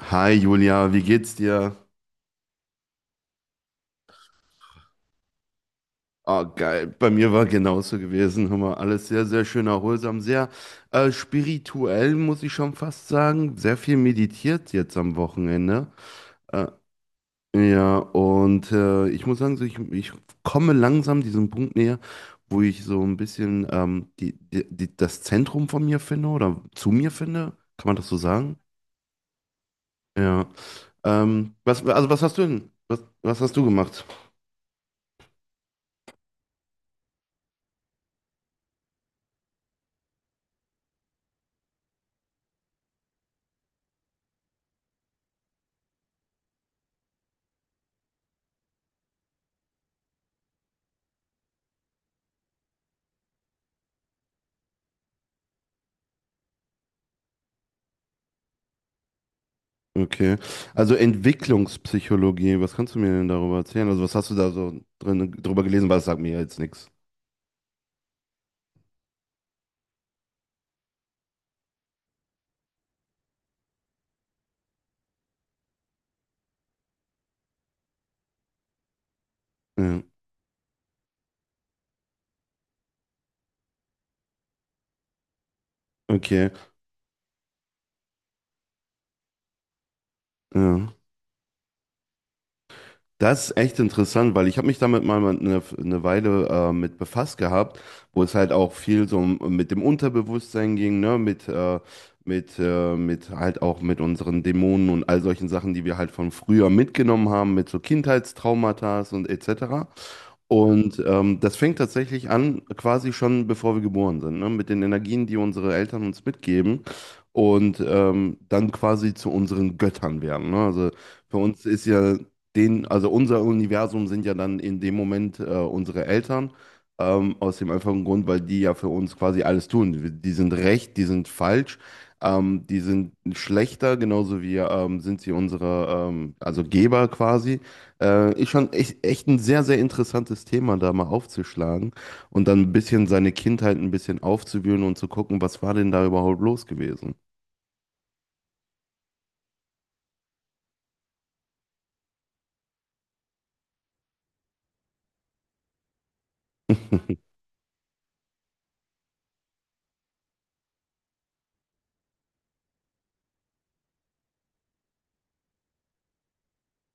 Hi Julia, wie geht's dir? Ah, geil. Bei mir war genauso gewesen. Hör mal, alles sehr, sehr schön erholsam, sehr spirituell, muss ich schon fast sagen. Sehr viel meditiert jetzt am Wochenende. Äh, ja, und ich muss sagen, so ich komme langsam diesem Punkt näher, wo ich so ein bisschen das Zentrum von mir finde oder zu mir finde. Kann man das so sagen? Ja. Also was hast du denn? Was hast du gemacht? Okay. Also Entwicklungspsychologie, was kannst du mir denn darüber erzählen? Also was hast du da so drin drüber gelesen? Weil das sagt mir ja jetzt nichts. Ja. Okay. Ja. Das ist echt interessant, weil ich habe mich damit mal eine Weile mit befasst gehabt, wo es halt auch viel so um, mit dem Unterbewusstsein ging, ne, mit halt auch mit unseren Dämonen und all solchen Sachen, die wir halt von früher mitgenommen haben, mit so Kindheitstraumata und etc. Und das fängt tatsächlich an, quasi schon bevor wir geboren sind, ne? Mit den Energien, die unsere Eltern uns mitgeben und dann quasi zu unseren Göttern werden. Ne? Also für uns ist ja den, also unser Universum sind ja dann in dem Moment unsere Eltern, aus dem einfachen Grund, weil die ja für uns quasi alles tun. Die sind recht, die sind falsch. Die sind schlechter, genauso wie sind sie unsere, also Geber quasi. Ist schon echt, echt ein sehr, sehr interessantes Thema, da mal aufzuschlagen und dann ein bisschen seine Kindheit ein bisschen aufzuwühlen und zu gucken, was war denn da überhaupt los gewesen.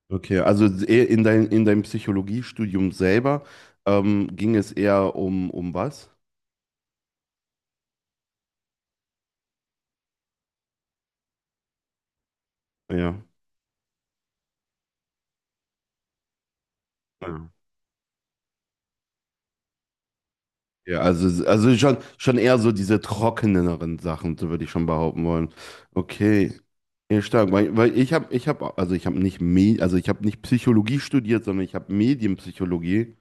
Okay, also in deinem Psychologiestudium selber ging es eher um was? Ja. Ja, Ja, also schon, schon eher so diese trockeneren Sachen, so würde ich schon behaupten wollen. Okay. Ja, stark, weil, weil ich habe, also ich habe nicht, Me also ich habe nicht Psychologie studiert, sondern ich habe Medienpsychologie.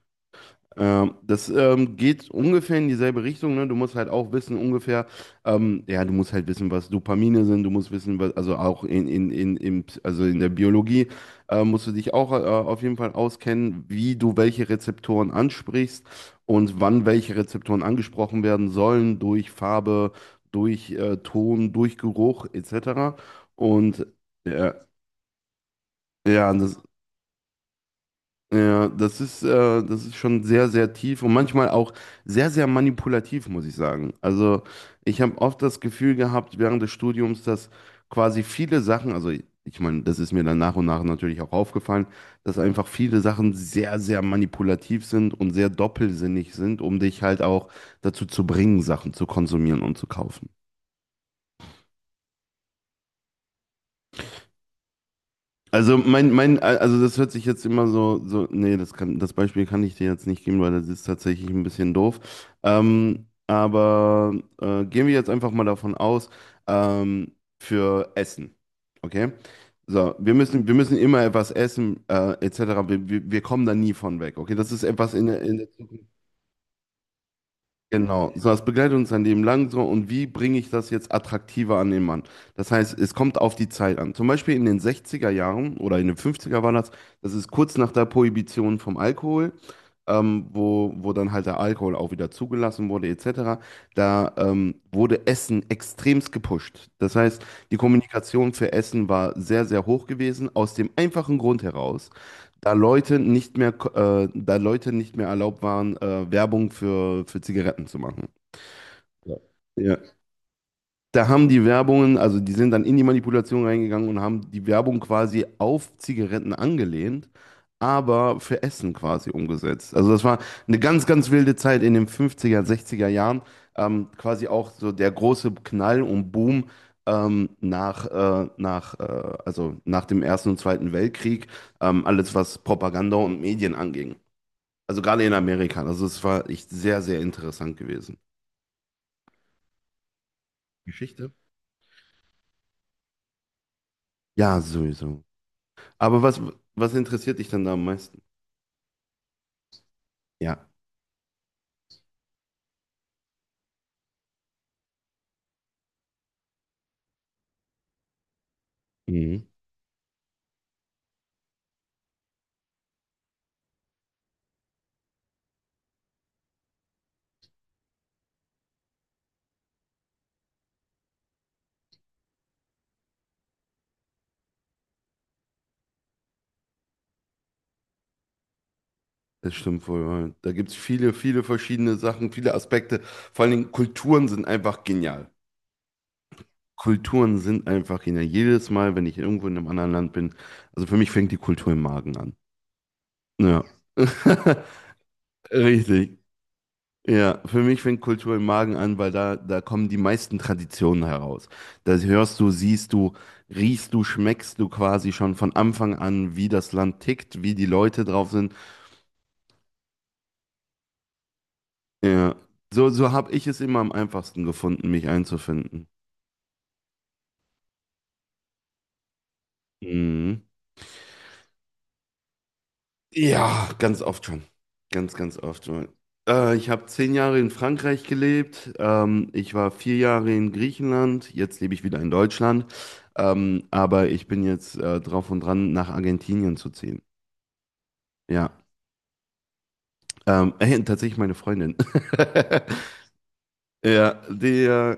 Das geht ungefähr in dieselbe Richtung, ne? Du musst halt auch wissen, ungefähr, ja, du musst halt wissen, was Dopamine sind, du musst wissen, was, also auch in der Biologie musst du dich auch auf jeden Fall auskennen, wie du welche Rezeptoren ansprichst und wann welche Rezeptoren angesprochen werden sollen, durch Farbe, durch Ton, durch Geruch, etc. Und ja, ja, das. Ja, das ist schon sehr, sehr tief und manchmal auch sehr, sehr manipulativ, muss ich sagen. Also ich habe oft das Gefühl gehabt während des Studiums, dass quasi viele Sachen, also ich meine, das ist mir dann nach und nach natürlich auch aufgefallen, dass einfach viele Sachen sehr, sehr manipulativ sind und sehr doppelsinnig sind, um dich halt auch dazu zu bringen, Sachen zu konsumieren und zu kaufen. Also das hört sich jetzt immer so nee, das Beispiel kann ich dir jetzt nicht geben, weil das ist tatsächlich ein bisschen doof. Aber gehen wir jetzt einfach mal davon aus, ähm, für Essen. Okay? So, wir müssen immer etwas essen, etc. Wir kommen da nie von weg. Okay, das ist etwas in der Zukunft. Genau, so das begleitet uns sein Leben lang so und wie bringe ich das jetzt attraktiver an den Mann? Das heißt, es kommt auf die Zeit an. Zum Beispiel in den 60er Jahren oder in den 50er das ist kurz nach der Prohibition vom Alkohol, wo, wo dann halt der Alkohol auch wieder zugelassen wurde, etc., da wurde Essen extremst gepusht. Das heißt, die Kommunikation für Essen war sehr, sehr hoch gewesen, aus dem einfachen Grund heraus, da Leute nicht mehr, ko- da Leute nicht mehr erlaubt waren, Werbung für Zigaretten zu machen. Ja. Ja, da haben die Werbungen, also die sind dann in die Manipulation reingegangen und haben die Werbung quasi auf Zigaretten angelehnt, aber für Essen quasi umgesetzt. Also das war eine ganz, ganz wilde Zeit in den fünfziger sechziger Jahren. Quasi auch so der große Knall und Boom nach dem Ersten und Zweiten Weltkrieg, alles was Propaganda und Medien anging. Also gerade in Amerika. Also es war echt sehr, sehr interessant gewesen. Geschichte. Ja, sowieso. Aber was interessiert dich dann da am meisten? Ja. Mhm. Das stimmt wohl. Ja. Da gibt es viele, viele verschiedene Sachen, viele Aspekte. Vor allen Dingen Kulturen sind einfach genial. Kulturen sind einfach genial. Jedes Mal, wenn ich irgendwo in einem anderen Land bin, also für mich fängt die Kultur im Magen an. Ja. Richtig. Ja, für mich fängt Kultur im Magen an, weil da, da kommen die meisten Traditionen heraus. Da hörst du, siehst du, riechst du, schmeckst du quasi schon von Anfang an, wie das Land tickt, wie die Leute drauf sind. Ja. So, so habe ich es immer am einfachsten gefunden, mich einzufinden. Mhm. Ja, ganz oft schon. Ganz, ganz oft schon. Ich habe 10 Jahre in Frankreich gelebt. Ich war 4 Jahre in Griechenland. Jetzt lebe ich wieder in Deutschland. Aber ich bin jetzt drauf und dran, nach Argentinien zu ziehen. Ja. Tatsächlich meine Freundin. Ja, der,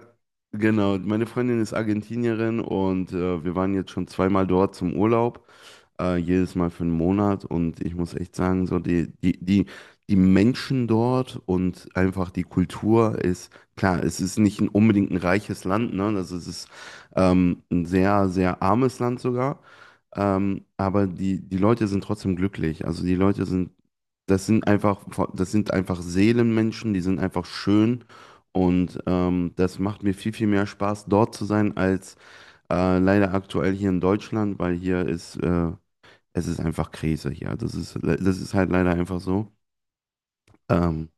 genau. Meine Freundin ist Argentinierin und wir waren jetzt schon zweimal dort zum Urlaub. Jedes Mal für 1 Monat und ich muss echt sagen, so die Menschen dort und einfach die Kultur ist, klar, es ist nicht ein, unbedingt ein reiches Land, ne? Also es ist ein sehr, sehr armes Land sogar, aber die Leute sind trotzdem glücklich. Also die Leute sind, das sind einfach, das sind einfach Seelenmenschen, die sind einfach schön. Und das macht mir viel, viel mehr Spaß, dort zu sein, als leider aktuell hier in Deutschland, weil hier ist es ist einfach Krise hier. Das ist halt leider einfach so. Ähm,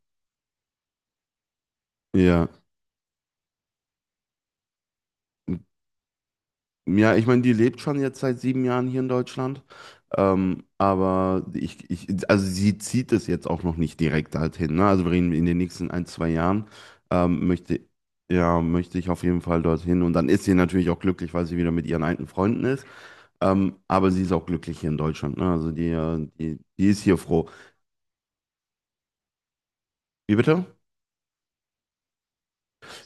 ja. Ja, ich meine, die lebt schon jetzt seit 7 Jahren hier in Deutschland. Aber ich, ich, also sie zieht es jetzt auch noch nicht direkt halt hin. Ne? Also wir reden in den nächsten ein, zwei Jahren ähm, möchte, ja, möchte ich auf jeden Fall dorthin. Und dann ist sie natürlich auch glücklich, weil sie wieder mit ihren alten Freunden ist. Aber sie ist auch glücklich hier in Deutschland. Ne? Also die ist hier froh. Wie bitte?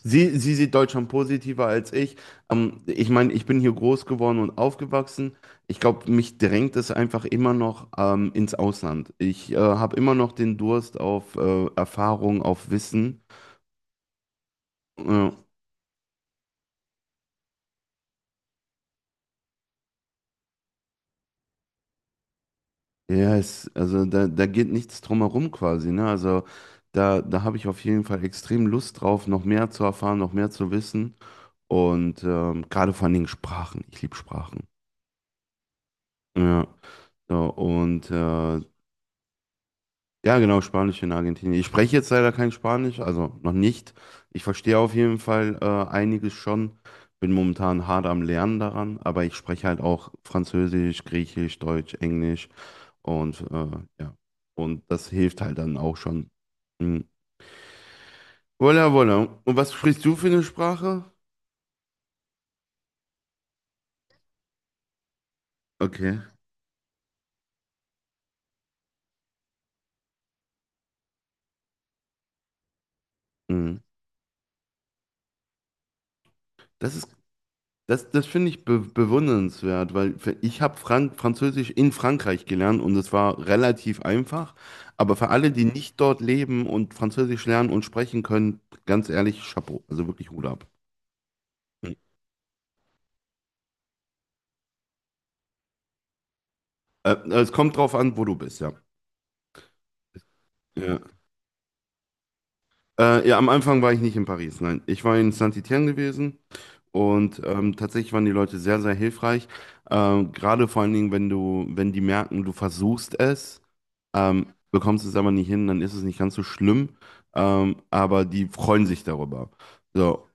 Sie sieht Deutschland positiver als ich. Ich meine, ich bin hier groß geworden und aufgewachsen. Ich glaube, mich drängt es einfach immer noch ins Ausland. Ich habe immer noch den Durst auf Erfahrung, auf Wissen. Ja, yes, also da geht nichts drum herum quasi, ne? Also da habe ich auf jeden Fall extrem Lust drauf, noch mehr zu erfahren, noch mehr zu wissen. Und gerade vor allen Dingen Sprachen. Ich liebe Sprachen. Ja. So, und äh, Ja, genau, Spanisch in Argentinien. Ich spreche jetzt leider kein Spanisch, also noch nicht. Ich verstehe auf jeden Fall einiges schon. Bin momentan hart am Lernen daran, aber ich spreche halt auch Französisch, Griechisch, Deutsch, Englisch und ja. Und das hilft halt dann auch schon. Mhm. Voilà, voilà. Und was sprichst du für eine Sprache? Okay. Mhm. Das ist Das, das finde ich be bewundernswert, weil ich habe Frank Französisch in Frankreich gelernt und es war relativ einfach. Aber für alle, die nicht dort leben und Französisch lernen und sprechen können, ganz ehrlich, Chapeau. Also wirklich Hut ab. Mhm. Es kommt drauf an, wo du bist, ja. Ja. Ja, am Anfang war ich nicht in Paris, nein. Ich war in Saint-Étienne gewesen. Und tatsächlich waren die Leute sehr, sehr hilfreich. Gerade vor allen Dingen, wenn wenn die merken, du versuchst es, bekommst es aber nicht hin, dann ist es nicht ganz so schlimm. Aber die freuen sich darüber. So,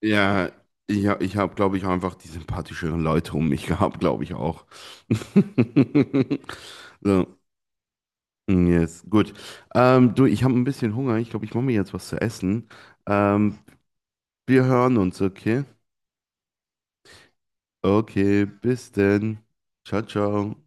ja, ich habe, glaube ich, auch einfach die sympathischeren Leute um mich gehabt, glaube ich auch. So, mm, yes, gut. Du, ich habe ein bisschen Hunger. Ich glaube, ich mache mir jetzt was zu essen. Ähm, Wir hören uns, okay? Okay, bis denn. Ciao, ciao.